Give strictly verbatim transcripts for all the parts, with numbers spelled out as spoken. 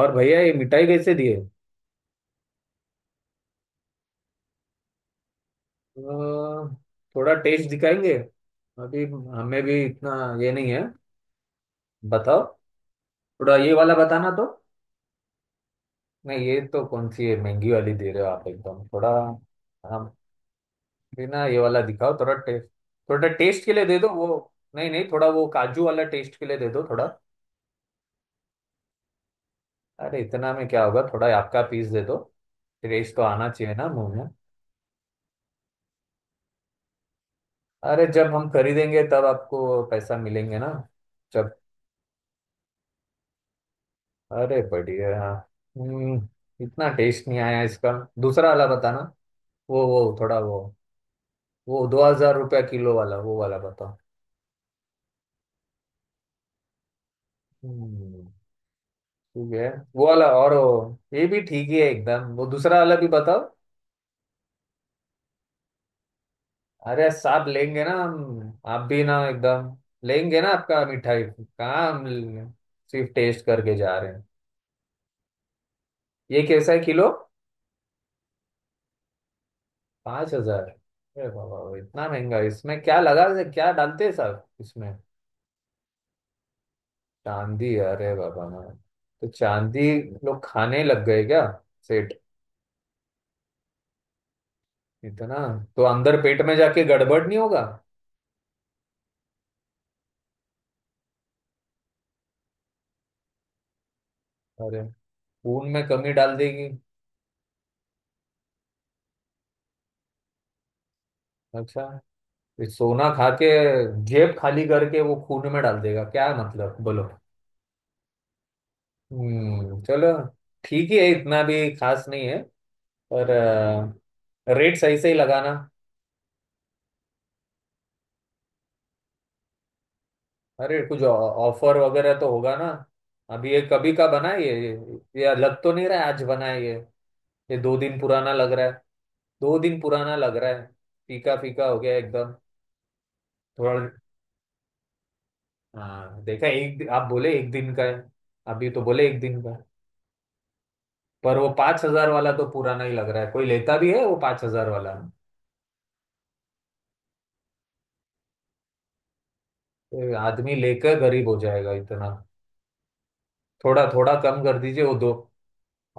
और भैया, ये मिठाई कैसे दिए? अ, थोड़ा टेस्ट दिखाएंगे। अभी हमें भी इतना ये नहीं है। बताओ। थोड़ा ये वाला बताना तो। नहीं, ये तो कौन सी है? महंगी वाली दे रहे हो आप एकदम, थोड़ा। हम बिना ये वाला दिखाओ थोड़ा टेस्ट। थोड़ा टेस्ट के लिए दे दो वो। नहीं नहीं, थोड़ा वो काजू वाला टेस्ट के लिए दे दो थोड़ा। अरे, इतना में क्या होगा, थोड़ा आपका पीस दे दो। टेस्ट तो आना चाहिए ना मुंह में। अरे, जब हम खरीदेंगे तब आपको पैसा मिलेंगे ना। जब। अरे बढ़िया। हम्म। इतना टेस्ट नहीं आया इसका। दूसरा वाला बताना। वो वो थोड़ा वो। वो दो हजार रुपया किलो वाला, वो वाला बताओ। हम्म। ठीक है। वो वाला और वो, ये भी ठीक ही है एकदम। वो दूसरा वाला भी बताओ। अरे साहब, लेंगे ना हम, आप भी ना एकदम। लेंगे ना, आपका मिठाई कहाँ? हम ल- सिर्फ टेस्ट करके जा रहे हैं। ये कैसा है किलो? पाँच हजार? अरे बाबा, इतना महंगा? इसमें क्या लगा, क्या डालते हैं साहब इसमें? चांदी? अरे बाबा ना। तो चांदी लोग खाने लग गए क्या सेठ? इतना? तो अंदर पेट में जाके गड़बड़ नहीं होगा? अरे, खून में कमी डाल देगी। अच्छा, ये सोना खा के जेब खाली करके वो खून में डाल देगा क्या? मतलब बोलो। हम्म, चलो। ठीक ही है, इतना भी खास नहीं है। पर अ, रेट सही से ही लगाना। अरे, कुछ ऑफर वगैरह तो होगा ना। अभी ये कभी का बना है ये? ये लग तो नहीं रहा है आज बना है ये। ये दो दिन पुराना लग रहा है। दो दिन पुराना लग रहा है। फीका फीका हो गया एकदम थोड़ा। हाँ देखा, एक दिन- आप बोले एक दिन का है। अभी तो बोले एक दिन का है। पर वो पांच हजार वाला तो पुराना ही लग रहा है। कोई लेता भी है वो पांच हजार वाला? ये आदमी लेकर गरीब हो जाएगा इतना। थोड़ा थोड़ा कम कर दीजिए वो दो।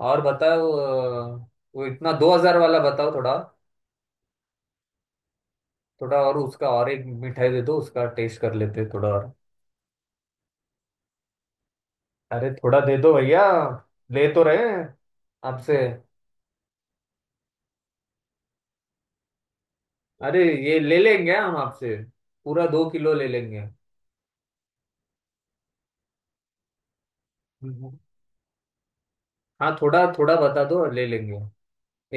और बताओ। अ, वो इतना दो हजार वाला बताओ थोड़ा। थोड़ा और उसका, और एक मिठाई दे दो, उसका टेस्ट कर लेते हैं थोड़ा और। अरे, थोड़ा दे दो भैया। ले तो रहे हैं आपसे। अरे, ये ले लेंगे हम आपसे। पूरा दो किलो ले लेंगे। हम्म। हाँ, थोड़ा थोड़ा बता दो, ले लेंगे।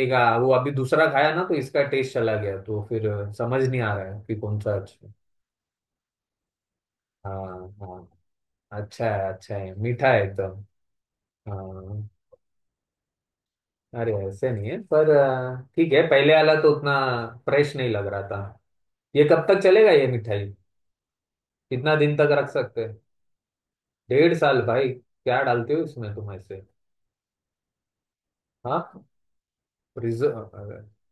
एक आ, वो अभी दूसरा खाया ना तो इसका टेस्ट चला गया, तो फिर समझ नहीं आ रहा है कि कौन सा अच्छा। हाँ हाँ। अच्छा है, अच्छा है, मीठा है एकदम। हाँ। अरे ऐसे नहीं है, पर आ, ठीक है, पहले वाला तो उतना फ्रेश नहीं लग रहा था। ये कब तक चलेगा ये मिठाई? कितना दिन तक रख सकते हैं? डेढ़ साल? भाई, क्या डालते हो इसमें तुम ऐसे? हाँ, प्रिजर्व।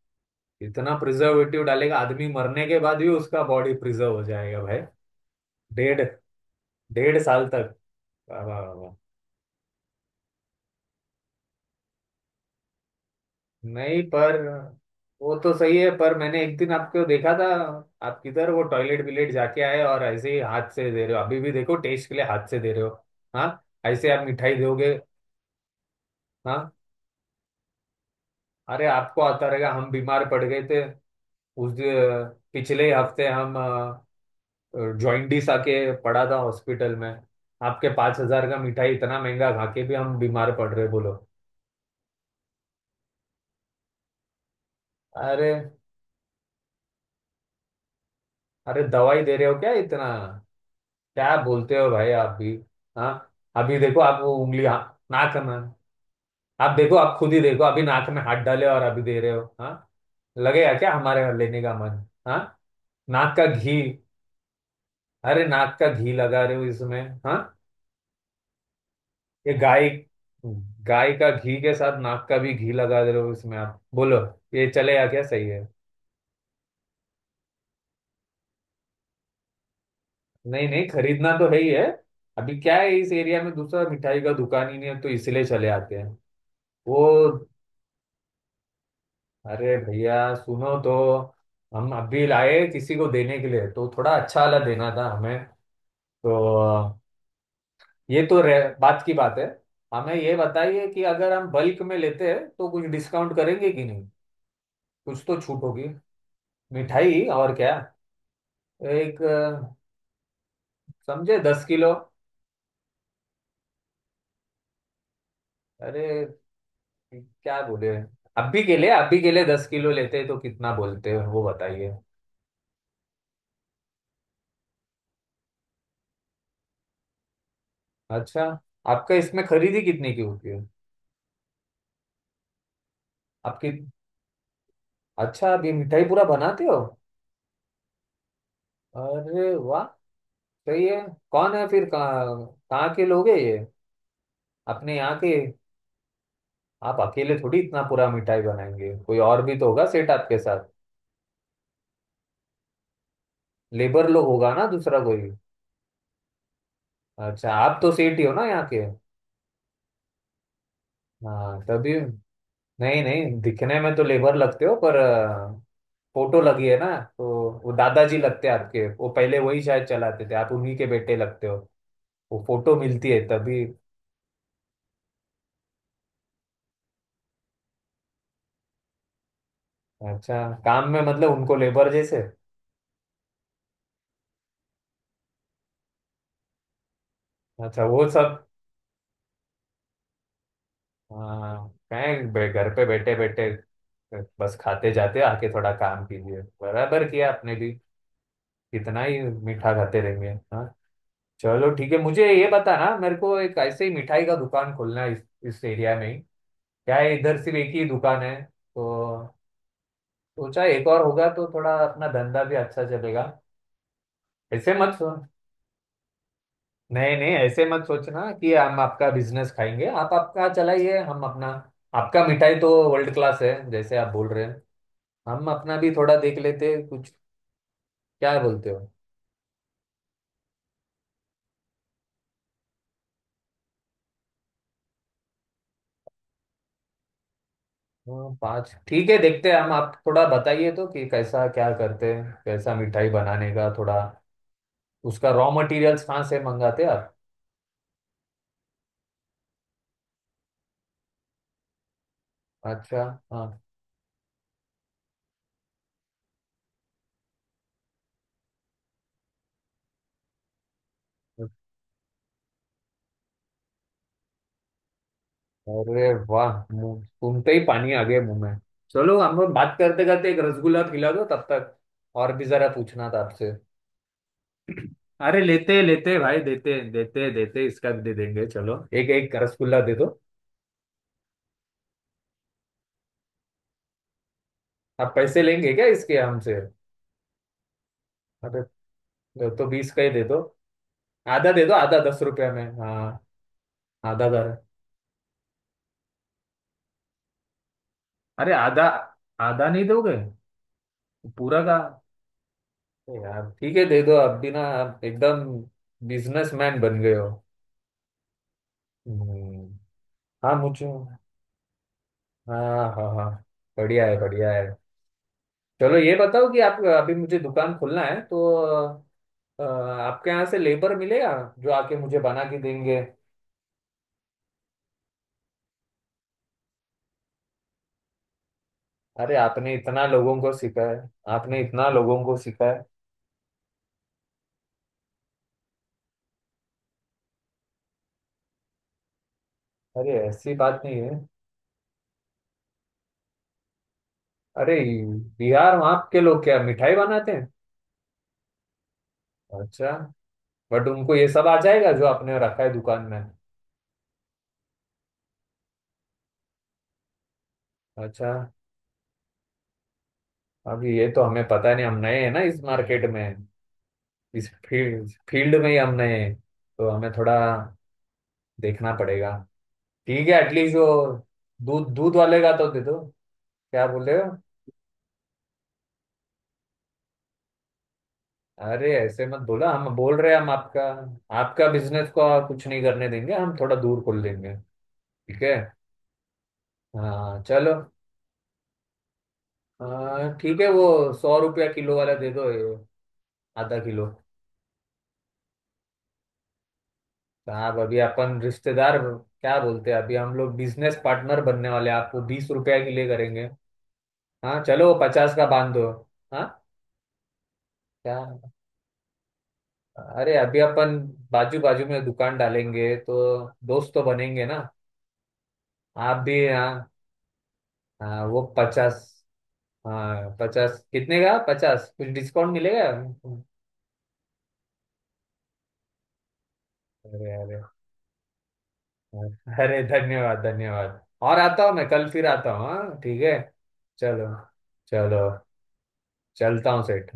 इतना प्रिजर्वेटिव डालेगा, आदमी मरने के बाद भी उसका बॉडी प्रिजर्व हो जाएगा भाई। डेढ़ डेढ़ साल तक। वाह, वाह, वाह, वाह। नहीं पर, वो तो सही है, पर मैंने एक दिन आपको देखा था। आप किधर वो टॉयलेट विलेट जाके आए और ऐसे ही हाथ से दे रहे हो, अभी भी देखो टेस्ट के लिए हाथ से दे रहे हो। हाँ, ऐसे आप मिठाई दोगे? हाँ। अरे आपको आता रहेगा, हम बीमार पड़ गए थे। उस दि- पिछले हफ्ते हम जॉइंडिस आके पड़ा था हॉस्पिटल में। आपके पांच हजार का मिठाई इतना महंगा खा के भी हम बीमार पड़ रहे, बोलो। अरे अरे, दवाई दे रहे हो क्या इतना? क्या बोलते हो भाई आप भी। हाँ, अभी देखो आप वो उंगली, हाँ, नाक में। आप देखो, आप खुद ही देखो, अभी नाक में हाथ डाले और अभी दे रहे हो, हाँ। लगेगा क्या हमारे यहाँ लेने का मन, हाँ? नाक का घी। अरे, नाक का घी लगा रहे हो इसमें, हाँ? ये गाय, गाय का घी के साथ नाक का भी घी लगा दे रहे हो इसमें, आप बोलो ये चलेगा क्या? सही है? नहीं नहीं, खरीदना तो है ही है। अभी क्या है, इस एरिया में दूसरा मिठाई का दुकान ही नहीं है, तो इसलिए चले आते हैं वो। अरे भैया सुनो तो, हम अभी लाए किसी को देने के लिए, तो थोड़ा अच्छा वाला देना था हमें। तो ये तो रह, बात की बात है। हमें ये बताइए कि अगर हम बल्क में लेते हैं तो कुछ डिस्काउंट करेंगे कि नहीं? कुछ तो छूट होगी। मिठाई, और क्या। एक अ, समझे, दस किलो। अरे क्या बोले? अब भी के लिए अब भी के लिए दस किलो लेते तो कितना बोलते हो, वो बताइए। अच्छा, आपका इसमें खरीदी कितने की होती है? आपकी। अच्छा, आप ये मिठाई पूरा बनाते हो? अरे वाह, सही है। कौन है फिर, कहाँ? कहाँ के लोग हैं ये? अपने यहाँ के? आप अकेले थोड़ी इतना पूरा मिठाई बनाएंगे, कोई और भी तो होगा सेठ आपके साथ। लेबर लोग होगा ना दूसरा कोई। अच्छा, आप तो सेठ ही हो ना यहाँ के? हाँ तभी, नहीं नहीं, दिखने में तो लेबर लगते हो, पर फोटो लगी है ना, तो वो दादाजी लगते हैं आपके, वो पहले वही शायद चलाते थे, आप उन्हीं के बेटे लगते हो। वो फोटो मिलती है तभी। अच्छा, काम में मतलब उनको लेबर जैसे? अच्छा, वो सब। हाँ कहें, बे- घर पे बैठे बैठे बस खाते जाते, आके थोड़ा काम कीजिए, बराबर किया आपने भी। कितना ही मीठा खाते रहेंगे, हाँ। चलो, ठीक है, मुझे ये बताना, मेरे को एक ऐसे ही मिठाई का दुकान खोलना है इस, इस एरिया में ही। क्या है, इधर सिर्फ एक ही दुकान है, तो सोचा एक और होगा तो थोड़ा अपना धंधा भी अच्छा चलेगा। ऐसे मत सो नहीं नहीं, ऐसे मत सोचना कि हम आपका बिजनेस खाएंगे। आप आपका चलाइए, हम अपना। आपका मिठाई तो वर्ल्ड क्लास है जैसे आप बोल रहे हैं। हम अपना भी थोड़ा देख लेते हैं, कुछ। क्या बोलते हो? हाँ, पाँच ठीक है, देखते हैं हम। आप थोड़ा बताइए तो कि कैसा क्या करते हैं, कैसा मिठाई बनाने का थोड़ा, उसका रॉ मटेरियल्स कहाँ से मंगाते हैं आप? अच्छा। हाँ। अरे वाह, मुंह सुनते ही पानी आ गया मुंह में। चलो, हम लोग बात करते करते एक रसगुल्ला खिला दो तब तक, और भी जरा पूछना था आपसे। अरे लेते लेते भाई, देते देते देते, इसका भी दे देंगे चलो। एक एक रसगुल्ला दे दो। आप पैसे लेंगे क्या इसके हमसे? अरे, तो तो बीस का ही दे दो। आधा दे दो, आधा दस रुपया में, हाँ। आधा दर। अरे आधा। आधा नहीं दोगे? पूरा का। अरे यार, ठीक है दे दो, अब भी ना आप एकदम बिजनेसमैन बन गए हो। हम्म। हाँ मुझे। हाँ हाँ हाँ। बढ़िया है, बढ़िया है। चलो ये बताओ कि आप, अभी मुझे दुकान खोलना है तो, अ, आपके यहाँ से लेबर मिलेगा? जो आके मुझे बना के देंगे। अरे, आपने इतना लोगों को सिखाया। आपने इतना लोगों को सिखाया। अरे, ऐसी बात नहीं है। अरे बिहार, वहाँ के लोग क्या मिठाई बनाते हैं? अच्छा। बट उनको ये सब आ जाएगा जो आपने रखा है दुकान में? अच्छा। अभी ये तो हमें पता नहीं, हम नए हैं ना इस मार्केट में, इस फील्ड फील्ड में ही हमने, तो हमें थोड़ा देखना पड़ेगा। ठीक है, एटलीस्ट वो दूध दूध वाले का तो दे दो। क्या बोल रहे हो? अरे ऐसे मत बोला, हम बोल रहे हैं हम आपका, आपका बिजनेस को कुछ नहीं करने देंगे, हम थोड़ा दूर खोल देंगे, ठीक है? हाँ चलो। हाँ, ठीक है, वो सौ रुपया किलो वाला दे दो ये, आधा किलो। साहब, अभी अपन रिश्तेदार, क्या बोलते हैं, अभी हम लोग बिजनेस पार्टनर बनने वाले हैं, आप वो बीस रुपया के लिए करेंगे? हाँ चलो, वो पचास का बांध दो। हाँ? क्या? अरे अभी अपन बाजू बाजू में दुकान डालेंगे तो दोस्त तो बनेंगे ना? आप भी हाँ। हाँ, वो पचास। हाँ पचास, कितने का पचास, कुछ डिस्काउंट मिलेगा? अरे अरे, अरे धन्यवाद धन्यवाद, और आता हूँ, मैं कल फिर आता हूँ, हाँ ठीक है। चलो, चलो। चलता हूँ सेठ।